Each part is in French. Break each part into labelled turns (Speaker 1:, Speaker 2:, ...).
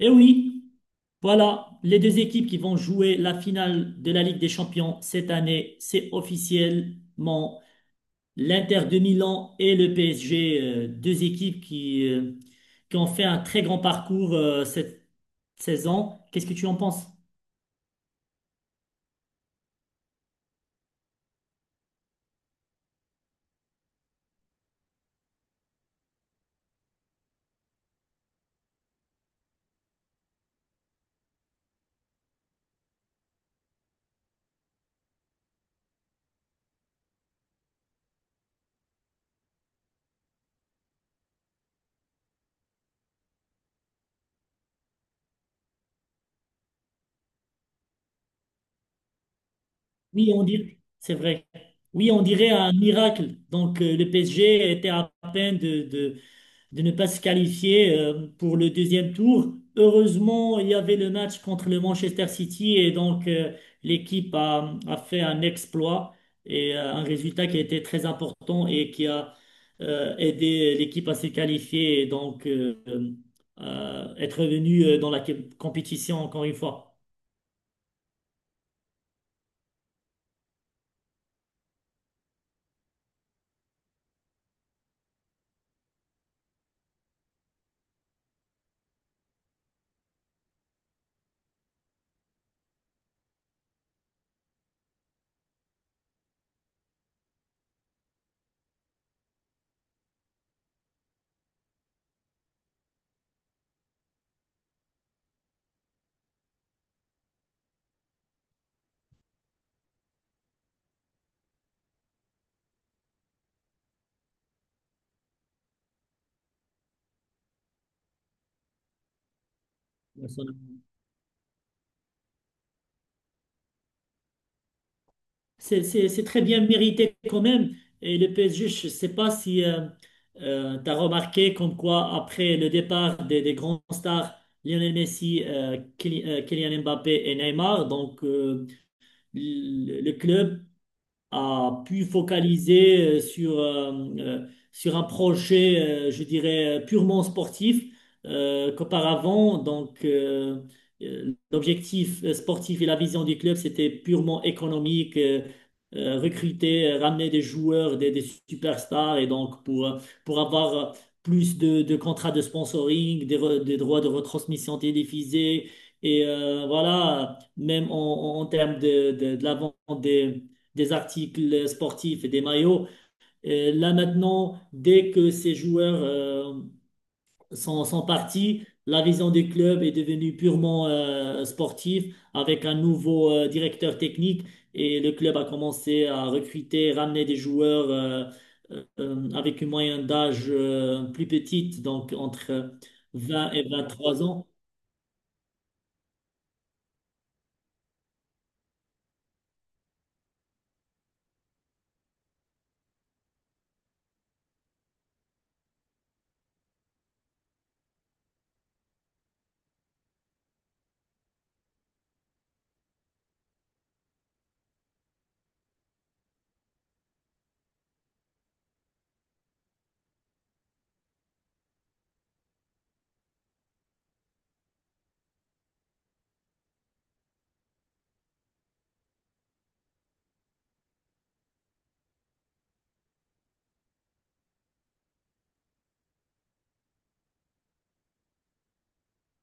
Speaker 1: Et oui, voilà, les deux équipes qui vont jouer la finale de la Ligue des Champions cette année, c'est officiellement l'Inter de Milan et le PSG, deux équipes qui ont fait un très grand parcours cette saison. Qu'est-ce que tu en penses? Oui, on dirait, c'est vrai. Oui, on dirait un miracle. Donc, le PSG était à peine de ne pas se qualifier pour le deuxième tour. Heureusement, il y avait le match contre le Manchester City et donc l'équipe a fait un exploit et un résultat qui a été très important et qui a aidé l'équipe à se qualifier et donc être revenue dans la compétition encore une fois. C'est très bien mérité quand même. Et le PSG, je ne sais pas si tu as remarqué comme quoi, après le départ des grands stars, Lionel Messi, Kylian Mbappé et Neymar, donc le club a pu focaliser euh, sur un projet, je dirais, purement sportif, qu'auparavant, donc, l'objectif sportif et la vision du club, c'était purement économique, recruter, ramener des joueurs, des superstars, et donc pour avoir plus de contrats de sponsoring, des droits de retransmission télévisée, et voilà, même en termes de la vente des des articles sportifs et des maillots. Là maintenant, dès que ces joueurs sont partis, la vision des clubs est devenue purement sportive avec un nouveau directeur technique et le club a commencé à recruter, ramener des joueurs avec une moyenne d'âge plus petite, donc entre 20 et 23 ans.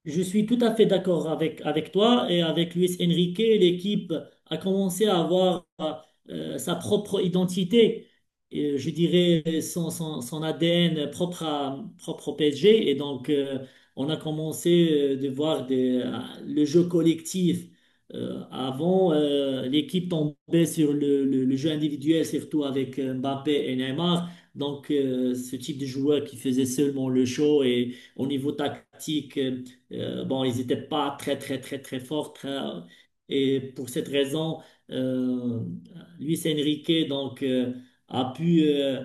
Speaker 1: Je suis tout à fait d'accord avec, avec toi et avec Luis Enrique. L'équipe a commencé à avoir sa propre identité, et je dirais son ADN propre, à, propre au PSG. Et donc, on a commencé de voir le jeu collectif. Avant, l'équipe tombait sur le jeu individuel, surtout avec Mbappé et Neymar. Donc, ce type de joueur qui faisait seulement le show et au niveau tactique. Bon, ils n'étaient pas très, très, très, très forts. Et pour cette raison, euh, Luis Enrique donc, a pu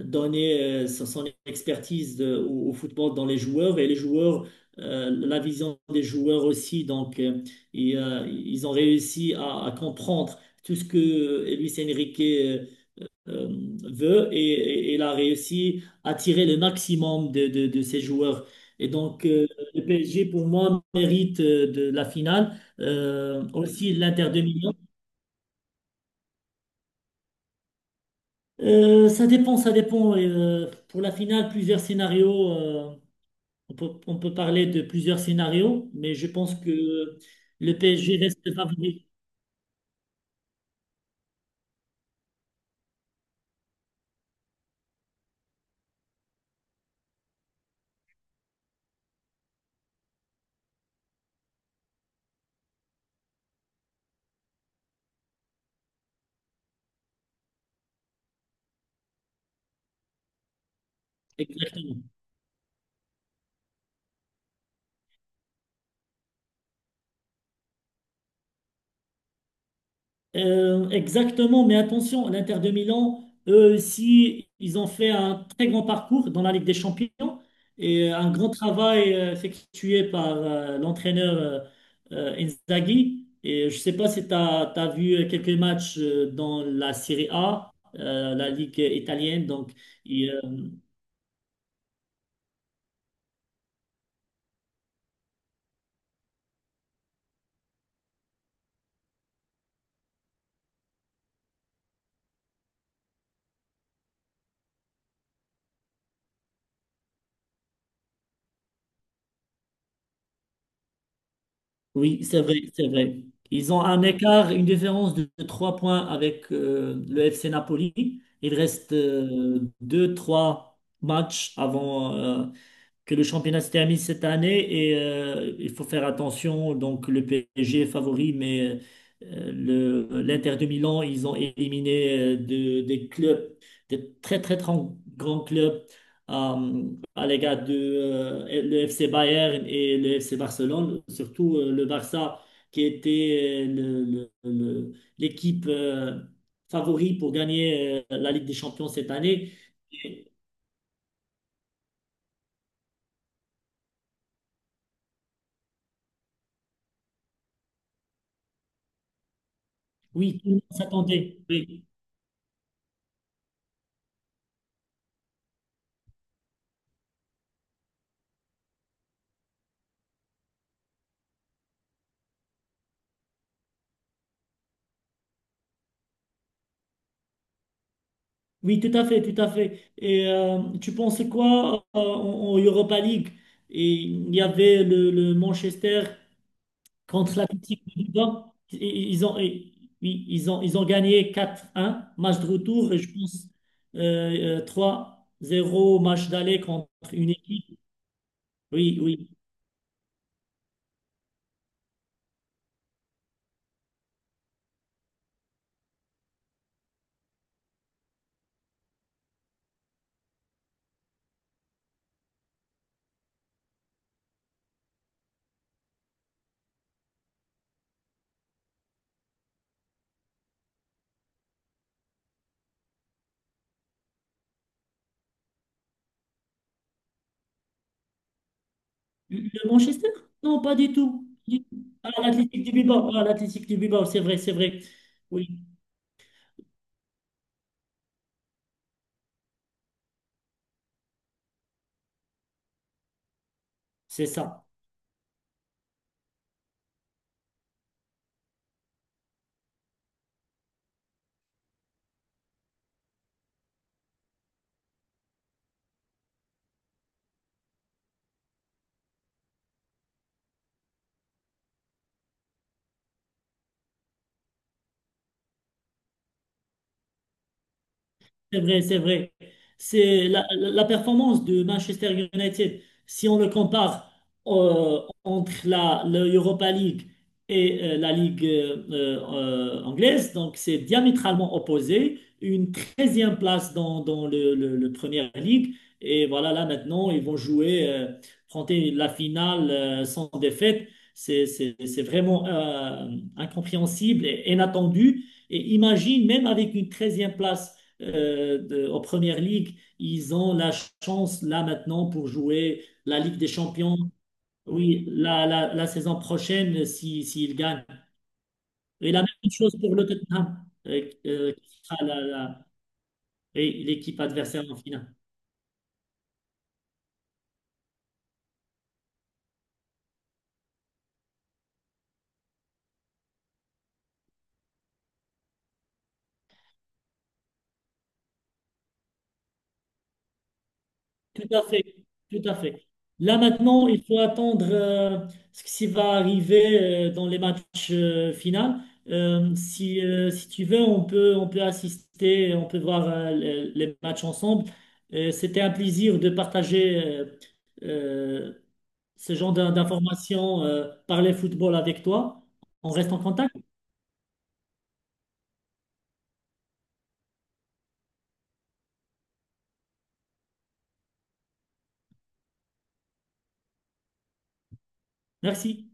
Speaker 1: donner son expertise au football dans les joueurs et les joueurs, la vision des joueurs aussi. Donc, et, ils ont réussi à comprendre tout ce que Luis Enrique euh, veut et et- il a réussi à tirer le maximum de ses joueurs. Et donc, le PSG, pour moi, mérite de la finale. Aussi, l'Inter de Milan. Ça dépend, ça dépend. Pour la finale, plusieurs scénarios. On peut, on peut parler de plusieurs scénarios, mais je pense que le PSG reste favori. Exactement. Exactement, mais attention, l'Inter de Milan, eux aussi, ils ont fait un très grand parcours dans la Ligue des Champions et un grand travail effectué par l'entraîneur euh, Inzaghi. Et je ne sais pas si tu as vu quelques matchs dans la Serie A, la Ligue italienne. Donc, oui, c'est vrai, c'est vrai. Ils ont un écart, une différence de 3 points avec le FC Napoli. Il reste deux trois matchs avant, que le championnat se termine cette année et il faut faire attention. Donc, le PSG est favori, mais le, l'Inter de Milan, ils ont éliminé des clubs, des très, très, très grands clubs euh, à l'égard de le FC Bayern et le FC Barcelone, surtout le Barça, qui était le- le- l'équipe favori pour gagner la Ligue des Champions cette année. Et oui, tout le monde s'attendait. Oui. Oui, tout à fait, tout à fait. Et tu pensais quoi en Europa League? Et il y avait le Manchester contre l'Athletic de Bilbao. Oui, ils ont gagné 4-1 match de retour, et je pense euh, euh, 3-0, match d'aller contre une équipe. Oui, oui. Le Manchester? Non, pas du tout. Ah, l'Athletic de Bilbao, ah, l'Athletic de Bilbao, c'est vrai, c'est vrai. Oui, c'est ça. C'est vrai, c'est vrai. C'est la performance de Manchester United, si on le compare entre l'Europa League et la Ligue anglaise, donc c'est diamétralement opposé. Une 13e place dans le Premier League. Et voilà, là maintenant, ils vont jouer, affronter la finale sans défaite. C'est vraiment incompréhensible et inattendu. Et imagine, même avec une 13e place aux Premières Ligues, ils ont la chance là maintenant pour jouer la Ligue des Champions. Oui, la saison prochaine, si, s'ils gagnent. Et la même chose pour le Tottenham, qui sera et l'équipe adversaire en finale. Tout à fait, tout à fait. Là maintenant, il faut attendre ce qui va arriver dans les matchs finaux. Si, si tu veux, on peut assister, on peut voir les matchs ensemble. C'était un plaisir de partager euh, ce genre d'informations par les football avec toi. On reste en contact. Merci.